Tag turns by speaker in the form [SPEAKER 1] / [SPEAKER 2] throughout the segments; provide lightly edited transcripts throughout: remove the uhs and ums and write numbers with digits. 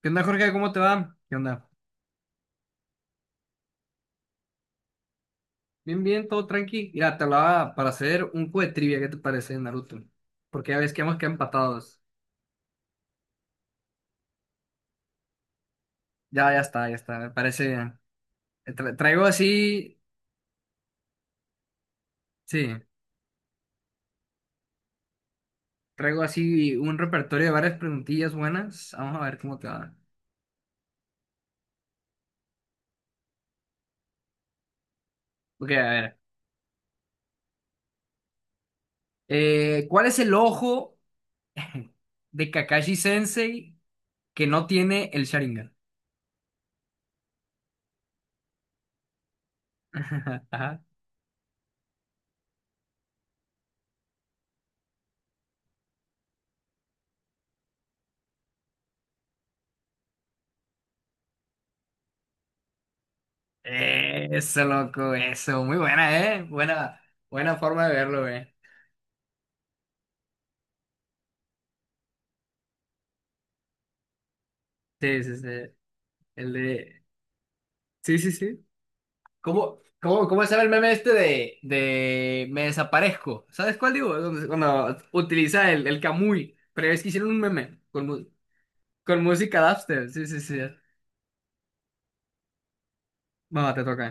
[SPEAKER 1] ¿Qué onda, Jorge? ¿Cómo te va? ¿Qué onda? Bien, bien, todo tranqui. Mira, te hablaba para hacer un juego de trivia. ¿Qué te parece, Naruto? Porque ya ves que hemos quedado empatados. Ya, ya está, ya está. Me parece bien. Traigo así, sí, traigo así un repertorio de varias preguntillas buenas. Vamos a ver cómo te va. Ok, a ver. ¿Cuál es el ojo de Kakashi Sensei que no tiene el Sharingan? Ajá. Eso, loco, eso. Muy buena, ¿eh? Buena, buena forma de verlo. Sí, sí, sí. El de. Sí, sí, sí. ¿¿Cómo cómo se llama el meme este de me desaparezco? ¿Sabes cuál digo? Cuando utiliza el Kamui. Pero es que hicieron un meme con música dubstep. Sí, sí, sí. Bueno, te toca.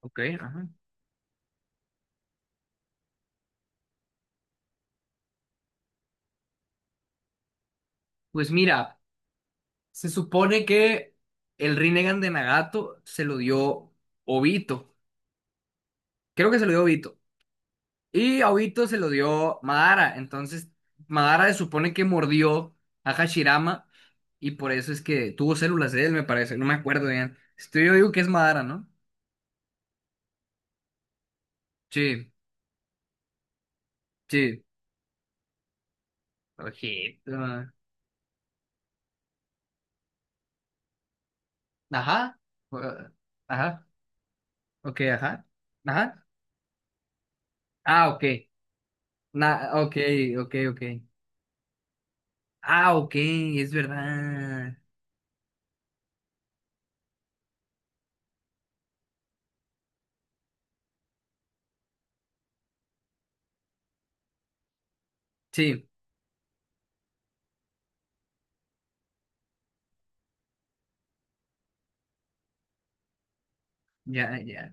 [SPEAKER 1] Ok, ajá. Pues mira, se supone que el Rinnegan de Nagato se lo dio Obito. Creo que se lo dio Obito. Y a Obito se lo dio Madara. Entonces, Madara se supone que mordió a Hashirama y por eso es que tuvo células de él, me parece. No me acuerdo bien. Estoy, yo digo que es Madara, ¿no? Sí, sí. Ojito. Ajá. Uh, Ajá. Ok, ajá. Ajá. Ah, ok. Na, ok, ok, ok. Ah, ok, es verdad. Sí, ya, ya.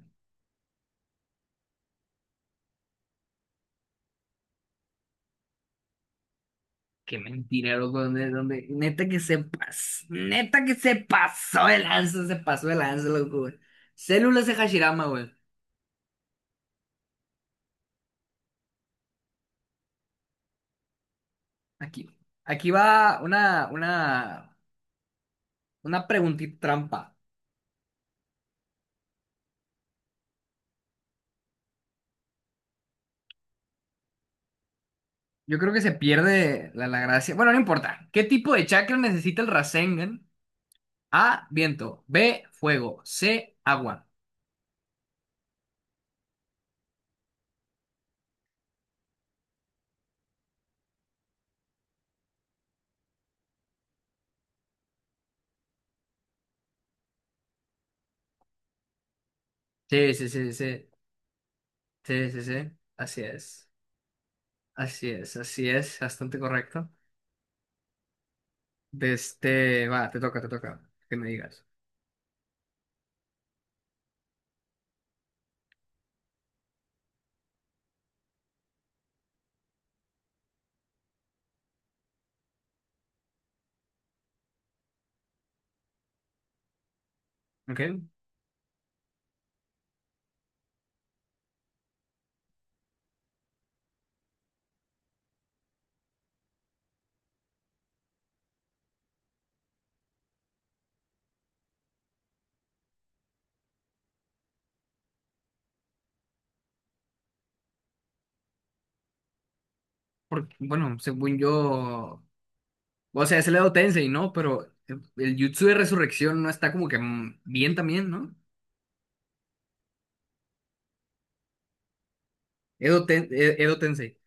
[SPEAKER 1] Qué mentira, loco. ¿Dónde? Neta que se pasó, neta que se pasó el lanza, se pasó el lanza, loco, güey. Células de Hashirama, güey. Aquí, aquí va una preguntita trampa. Yo creo que se pierde la gracia. Bueno, no importa. ¿Qué tipo de chakra necesita el Rasengan? A, viento. B, fuego. C, agua. Sí, sí, sí, sí. Sí, sí, sí. Así es. Así es, así es. Bastante correcto. De este, va, te toca, te toca. Que me digas. Ok, porque, bueno, según yo, o sea, es el Edo Tensei, ¿no? Pero el Jutsu de Resurrección no está como que bien también, ¿no? Edo Tensei.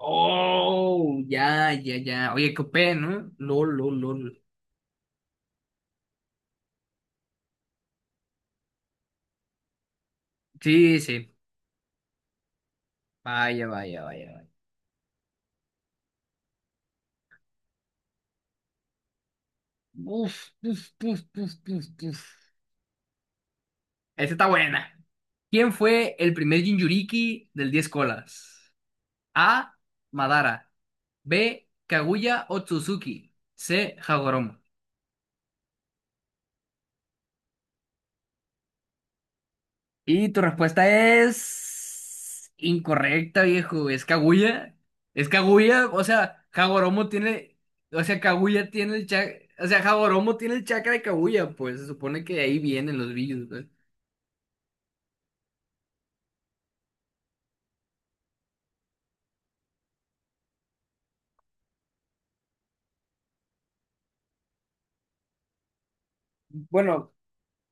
[SPEAKER 1] Oh, ya, ya, ya. Oye, qué copé, ¿no? Lol, lol, lol. Sí, sí. Vaya, vaya, vaya, vaya. Uf, uf, uf, uf, uf, uf. Esta está buena. ¿Quién fue el primer Jinchuriki del 10 colas? A, Madara. B, Kaguya Otsutsuki. C, Hagoromo. Y tu respuesta es incorrecta, viejo. Es Kaguya. Es Kaguya, o sea, Hagoromo tiene, o sea, Kaguya tiene el chakra, o sea, Hagoromo tiene el chakra de Kaguya, pues se supone que de ahí vienen los brillos, pues. Bueno,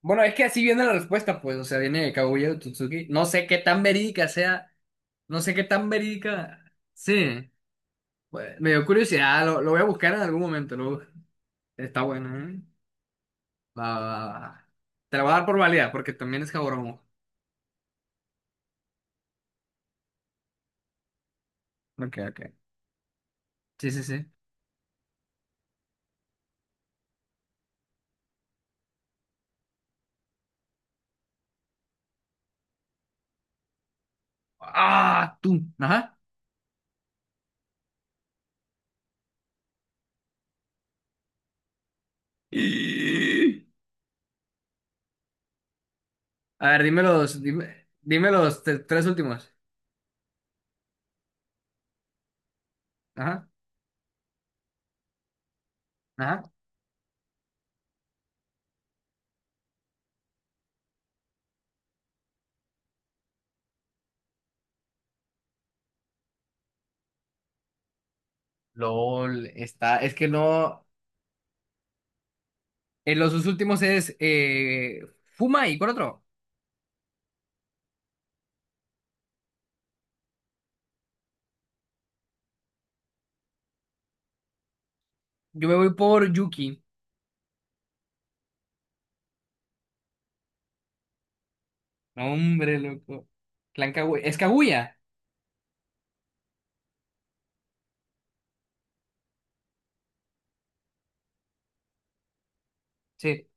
[SPEAKER 1] bueno, es que así viene la respuesta, pues, o sea, viene de Kaguya de Tsutsuki. No sé qué tan verídica sea, no sé qué tan verídica. Sí, pues, me dio curiosidad, lo voy a buscar en algún momento, lo- Está bueno, ¿eh? Va, va, va. Te la voy a dar por válida, porque también es Hagoromo. Ok, ok. Sí, sí, sí. ¡Ah! ¡Tú! Ajá. Y- A ver, dime los, dime, dime los te- tres últimos. Ajá, ajá. LOL, está. Es que no. Los dos últimos es Fuma y ¿cuál otro? Yo me voy por Yuki. No, hombre, loco. Clan Kaguya. ¿Es Kaguya? Sí,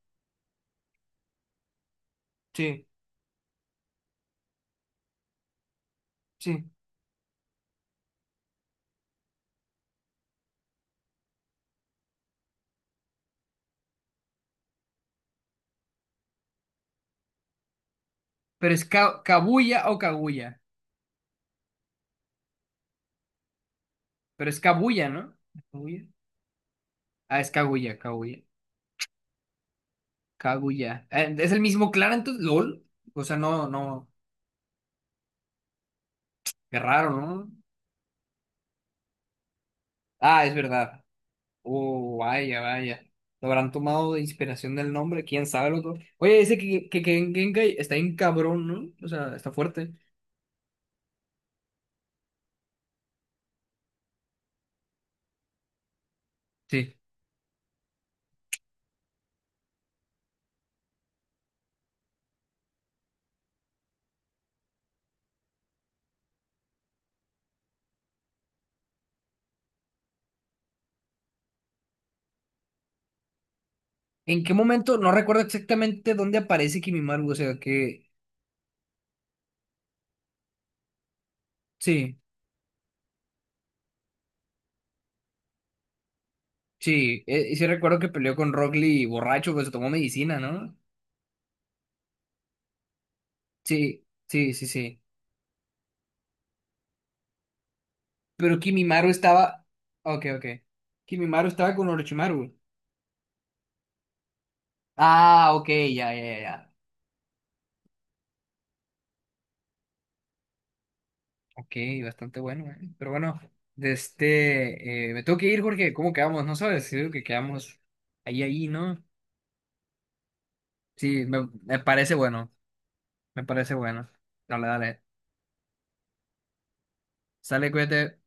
[SPEAKER 1] sí, sí. Pero es Kabuya o Kaguya. Pero es Kabuya, ¿no? ¿Kaguya? Ah, es Kaguya, Kaguya. Kaguya. ¿Es el mismo Clara entonces? ¿LOL? O sea, no, no. Qué raro, ¿no? Ah, es verdad. Oh, vaya, vaya. Lo habrán tomado de inspiración del nombre, quién sabe lo que. Oye, ese que en Genkai está bien cabrón, ¿no? O sea, está fuerte. Sí. ¿En qué momento? No recuerdo exactamente dónde aparece Kimimaru, o sea, que. Sí, sí. Y sí recuerdo que peleó con Rock Lee borracho, pues se tomó medicina, ¿no? Sí, sí, sí, sí. Pero Kimimaru estaba. Ok, ok. Kimimaru estaba con Orochimaru. Ah, ok, ya, ya, ya. Ya. Ok, bastante bueno, eh. Pero bueno, de este. Me tengo que ir, Jorge. ¿Cómo quedamos? No sabes. Sí, creo que quedamos ahí, ahí, ¿no? Sí, me parece bueno. Me parece bueno. Dale, dale. Sale, cuídate.